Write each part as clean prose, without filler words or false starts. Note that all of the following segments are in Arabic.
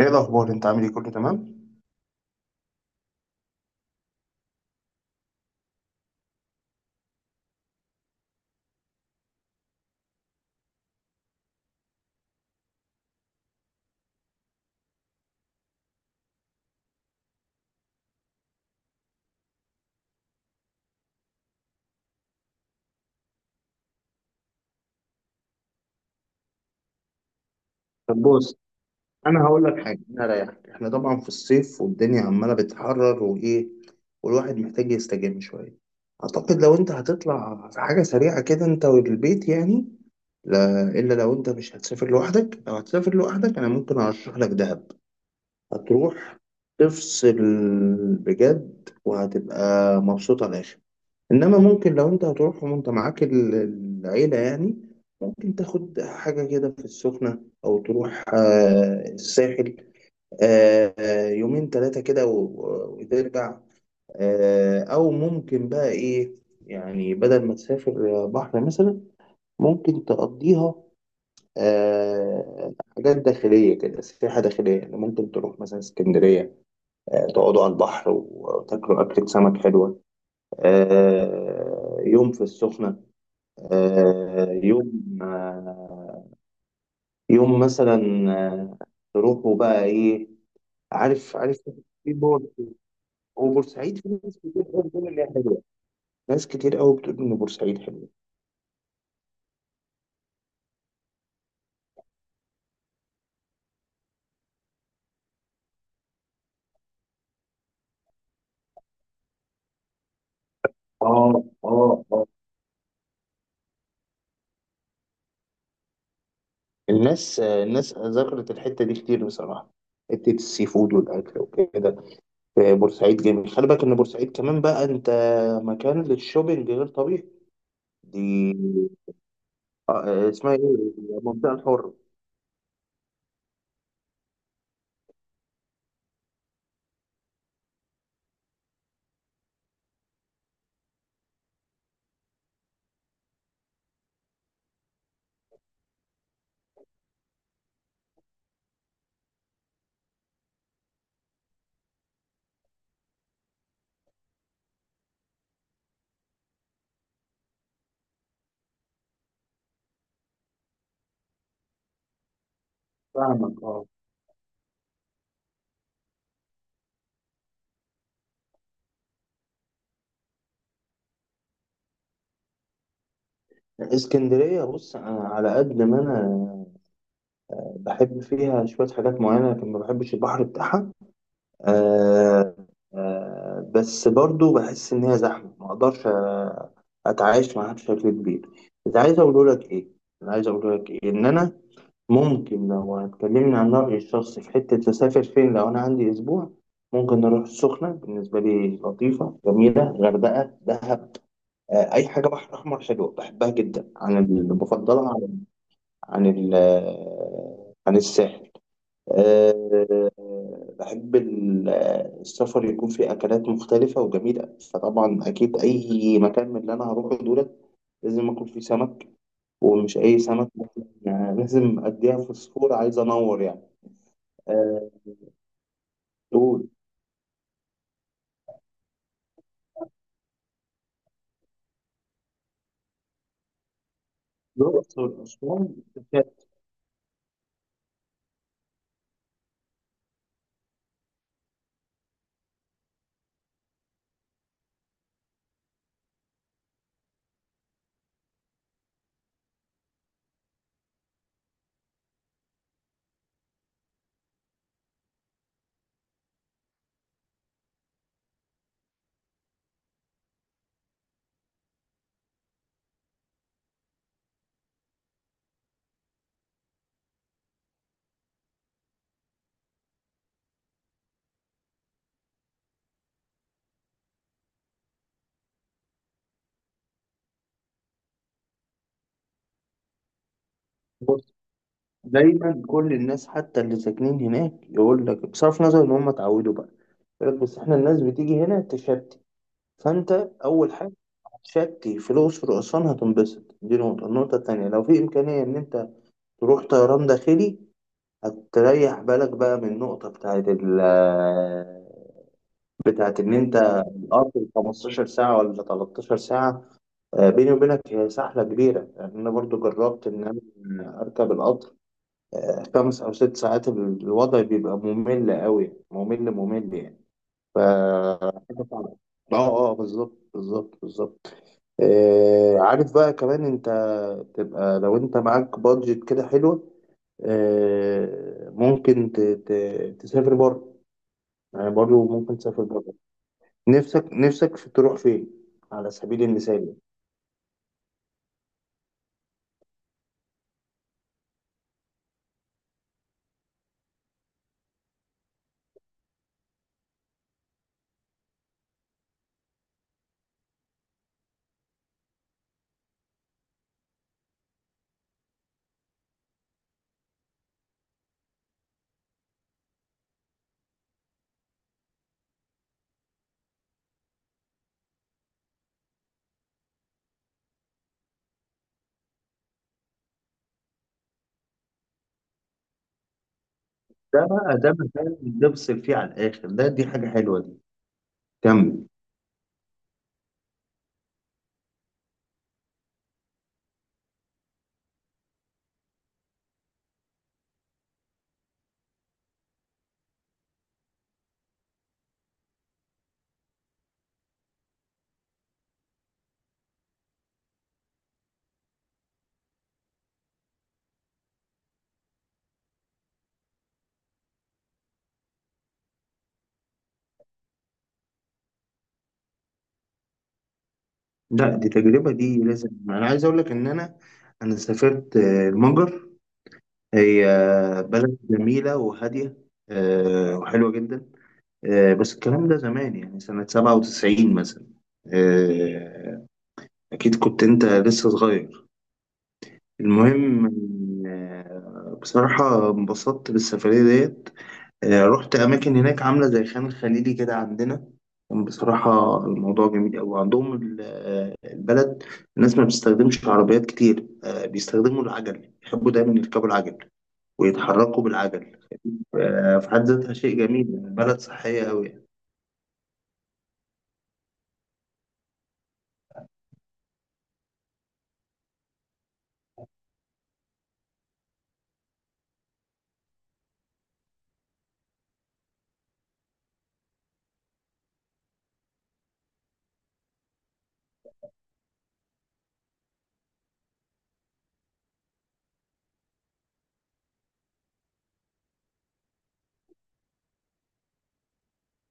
ايه الاخبار؟ انت عامل ايه؟ كله تمام؟ طب بص، انا هقول لك حاجه. انا رايحك، احنا طبعا في الصيف والدنيا عماله بتحرر وايه، والواحد محتاج يستجم شويه. اعتقد لو انت هتطلع في حاجه سريعه كده انت والبيت يعني، لا الا لو انت مش هتسافر لوحدك. لو هتسافر لوحدك انا ممكن ارشح لك دهب. هتروح تفصل بجد، وهتبقى مبسوط على الاخر. انما ممكن لو انت هتروح وانت معاك العيله يعني، ممكن تاخد حاجه كده في السخنه، او تروح الساحل. يومين ثلاثه كده وترجع. او ممكن بقى ايه، يعني بدل ما تسافر بحر مثلا، ممكن تقضيها حاجات داخليه كده، سياحه داخليه. يعني ممكن تروح مثلا اسكندريه، تقعدوا على البحر وتاكلوا اكله سمك حلوه. يوم في السخنه، يوم، آه، يوم مثلا، آه، تروحوا بقى ايه. عارف، عارف. في بور- وبورسعيد في ناس كتير قوي بتقول ان هي حلوه. ناس كتير قوي بتقول ان بورسعيد حلوه. اه اه اه. الناس، الناس ذكرت الحته دي كتير بصراحه، حته السي فود والاكل وكده. بورسعيد جميل. خلي بالك ان بورسعيد كمان بقى انت مكان للشوبينج غير طبيعي. دي اسمها ايه؟ المنطقه الحره. فاهمك، اه. اسكندرية، بص، أنا على قد ما أنا بحب فيها شوية حاجات معينة، لكن ما بحبش البحر بتاعها. آه، آه، بس برضو بحس إن هي زحمة، ما أقدرش أتعايش معاها بشكل كبير. بس عايز أقول لك إيه، أنا عايز أقول لك إيه، إن أنا ممكن لو هتكلمني عن رأيي الشخصي في حتة أسافر فين لو أنا عندي أسبوع، ممكن أروح السخنة. بالنسبة لي لطيفة جميلة، غردقة، دهب، أي حاجة بحر أحمر حلوة، بحبها جدا عن اللي بفضلها، عن عن الساحل. آه، بحب السفر يكون فيه أكلات مختلفة وجميلة. فطبعا أكيد أي مكان من اللي أنا هروحه دولت لازم آكل فيه سمك، ومش أي سمك. يعني لازم أديها فوسفور، عايز أنور يعني. آه، دول الأقصر، أسوان. بص، دايما كل الناس حتى اللي ساكنين هناك يقول لك، بصرف نظر إن هم اتعودوا بقى، يقول لك بس إحنا الناس بتيجي هنا تشتي. فأنت أول حاجة شكي فلوس في الأقصر وأسوان هتنبسط، دي نقطة. النقطة التانية، لو في إمكانية إن أنت تروح طيران داخلي، هتريح بالك بقى من النقطة بتاعت ال آه، بتاعت إن أنت القطر 15 ساعة ولا 13 ساعة. بيني وبينك هي سحلة كبيرة يعني. أنا برضو جربت إن أنا أركب القطر خمس أو ست ساعات، الوضع بيبقى ممل أوي، ممل ممل يعني. ف حاجة صعبة. اه، اه، بالظبط، بالظبط، بالظبط. عارف بقى، كمان انت تبقى لو انت معاك بادجت كده حلوة، ممكن تسافر بره. يعني برضه ممكن تسافر بره. نفسك، نفسك في تروح فين على سبيل المثال؟ ده بقى ده مكان تفصل فيه على الآخر، ده دي حاجة حلوة دي. كمل. لا، دي تجربة دي لازم. أنا عايز أقول لك إن أنا سافرت المجر. هي بلد جميلة وهادية، وحلوة جدا. بس الكلام ده زمان، يعني سنة 97 مثلا. آه، أكيد كنت أنت لسه صغير. المهم، بصراحة انبسطت بالسفرية ديت. رحت أماكن هناك عاملة زي خان خليلي كده عندنا. كان بصراحة الموضوع جميل أوي. عندهم البلد، الناس ما بتستخدمش عربيات كتير. بيستخدموا العجل، يحبوا دايما يركبوا العجل ويتحركوا بالعجل. في حد ذاتها شيء جميل. البلد صحية أوي.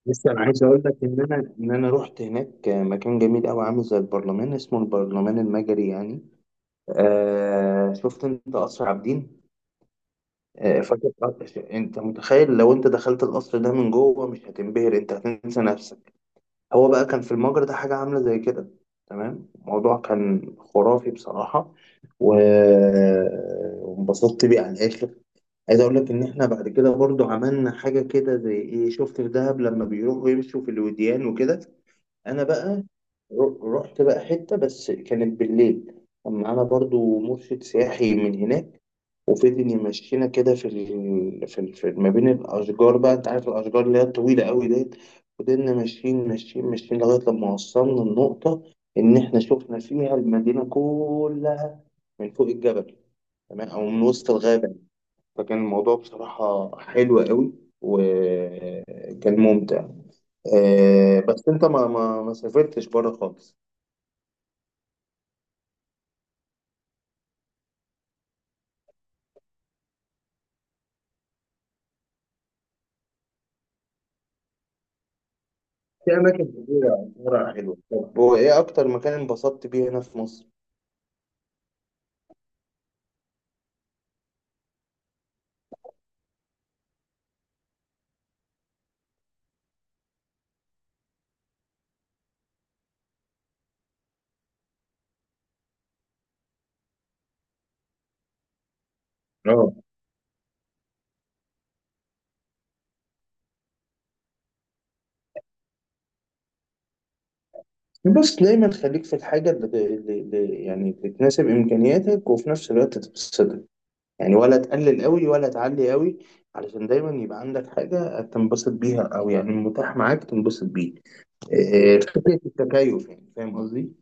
لسه انا معاك، عايز اقول لك ان انا رحت هناك مكان جميل قوي عامل زي البرلمان، اسمه البرلمان المجري يعني. آه، شفت انت قصر عابدين؟ آه، فاكر انت متخيل لو انت دخلت القصر ده من جوه؟ مش هتنبهر؟ انت هتنسى نفسك. هو بقى كان في المجرى ده حاجه عامله زي كده، تمام. الموضوع كان خرافي بصراحه، و- وانبسطت بيه على الاخر. عايز اقول لك ان احنا بعد كده برضو عملنا حاجه كده زي ايه شفت في دهب لما بيروحوا يمشوا في الوديان وكده. انا بقى رحت بقى حته، بس كانت بالليل. كان معانا برضو مرشد سياحي من هناك، وفضل يمشينا كده في ما بين الاشجار. بقى انت عارف الاشجار اللي هي الطويله قوي ديت. فضلنا ماشيين ماشيين ماشيين لغايه لما وصلنا النقطه ان احنا شفنا فيها المدينه كلها من فوق الجبل، تمام، او من وسط الغابه. فكان الموضوع بصراحه حلو قوي، وكان ممتع. آه، بس انت ما سافرتش بره خالص؟ في اماكن كتيره بره حلوه. طب هو ايه اكتر مكان انبسطت بيه هنا في مصر؟ اه. بص، دايما خليك في الحاجه يعني اللي تناسب امكانياتك وفي نفس الوقت تبسطك. يعني ولا تقلل قوي ولا تعلي قوي، علشان دايما يبقى عندك حاجه تنبسط بيها، او يعني متاح معاك تنبسط بيه. فكره التكيف يعني، فاهم قصدي؟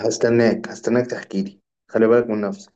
هستناك، هستناك تحكي لي. خلي بالك من نفسك.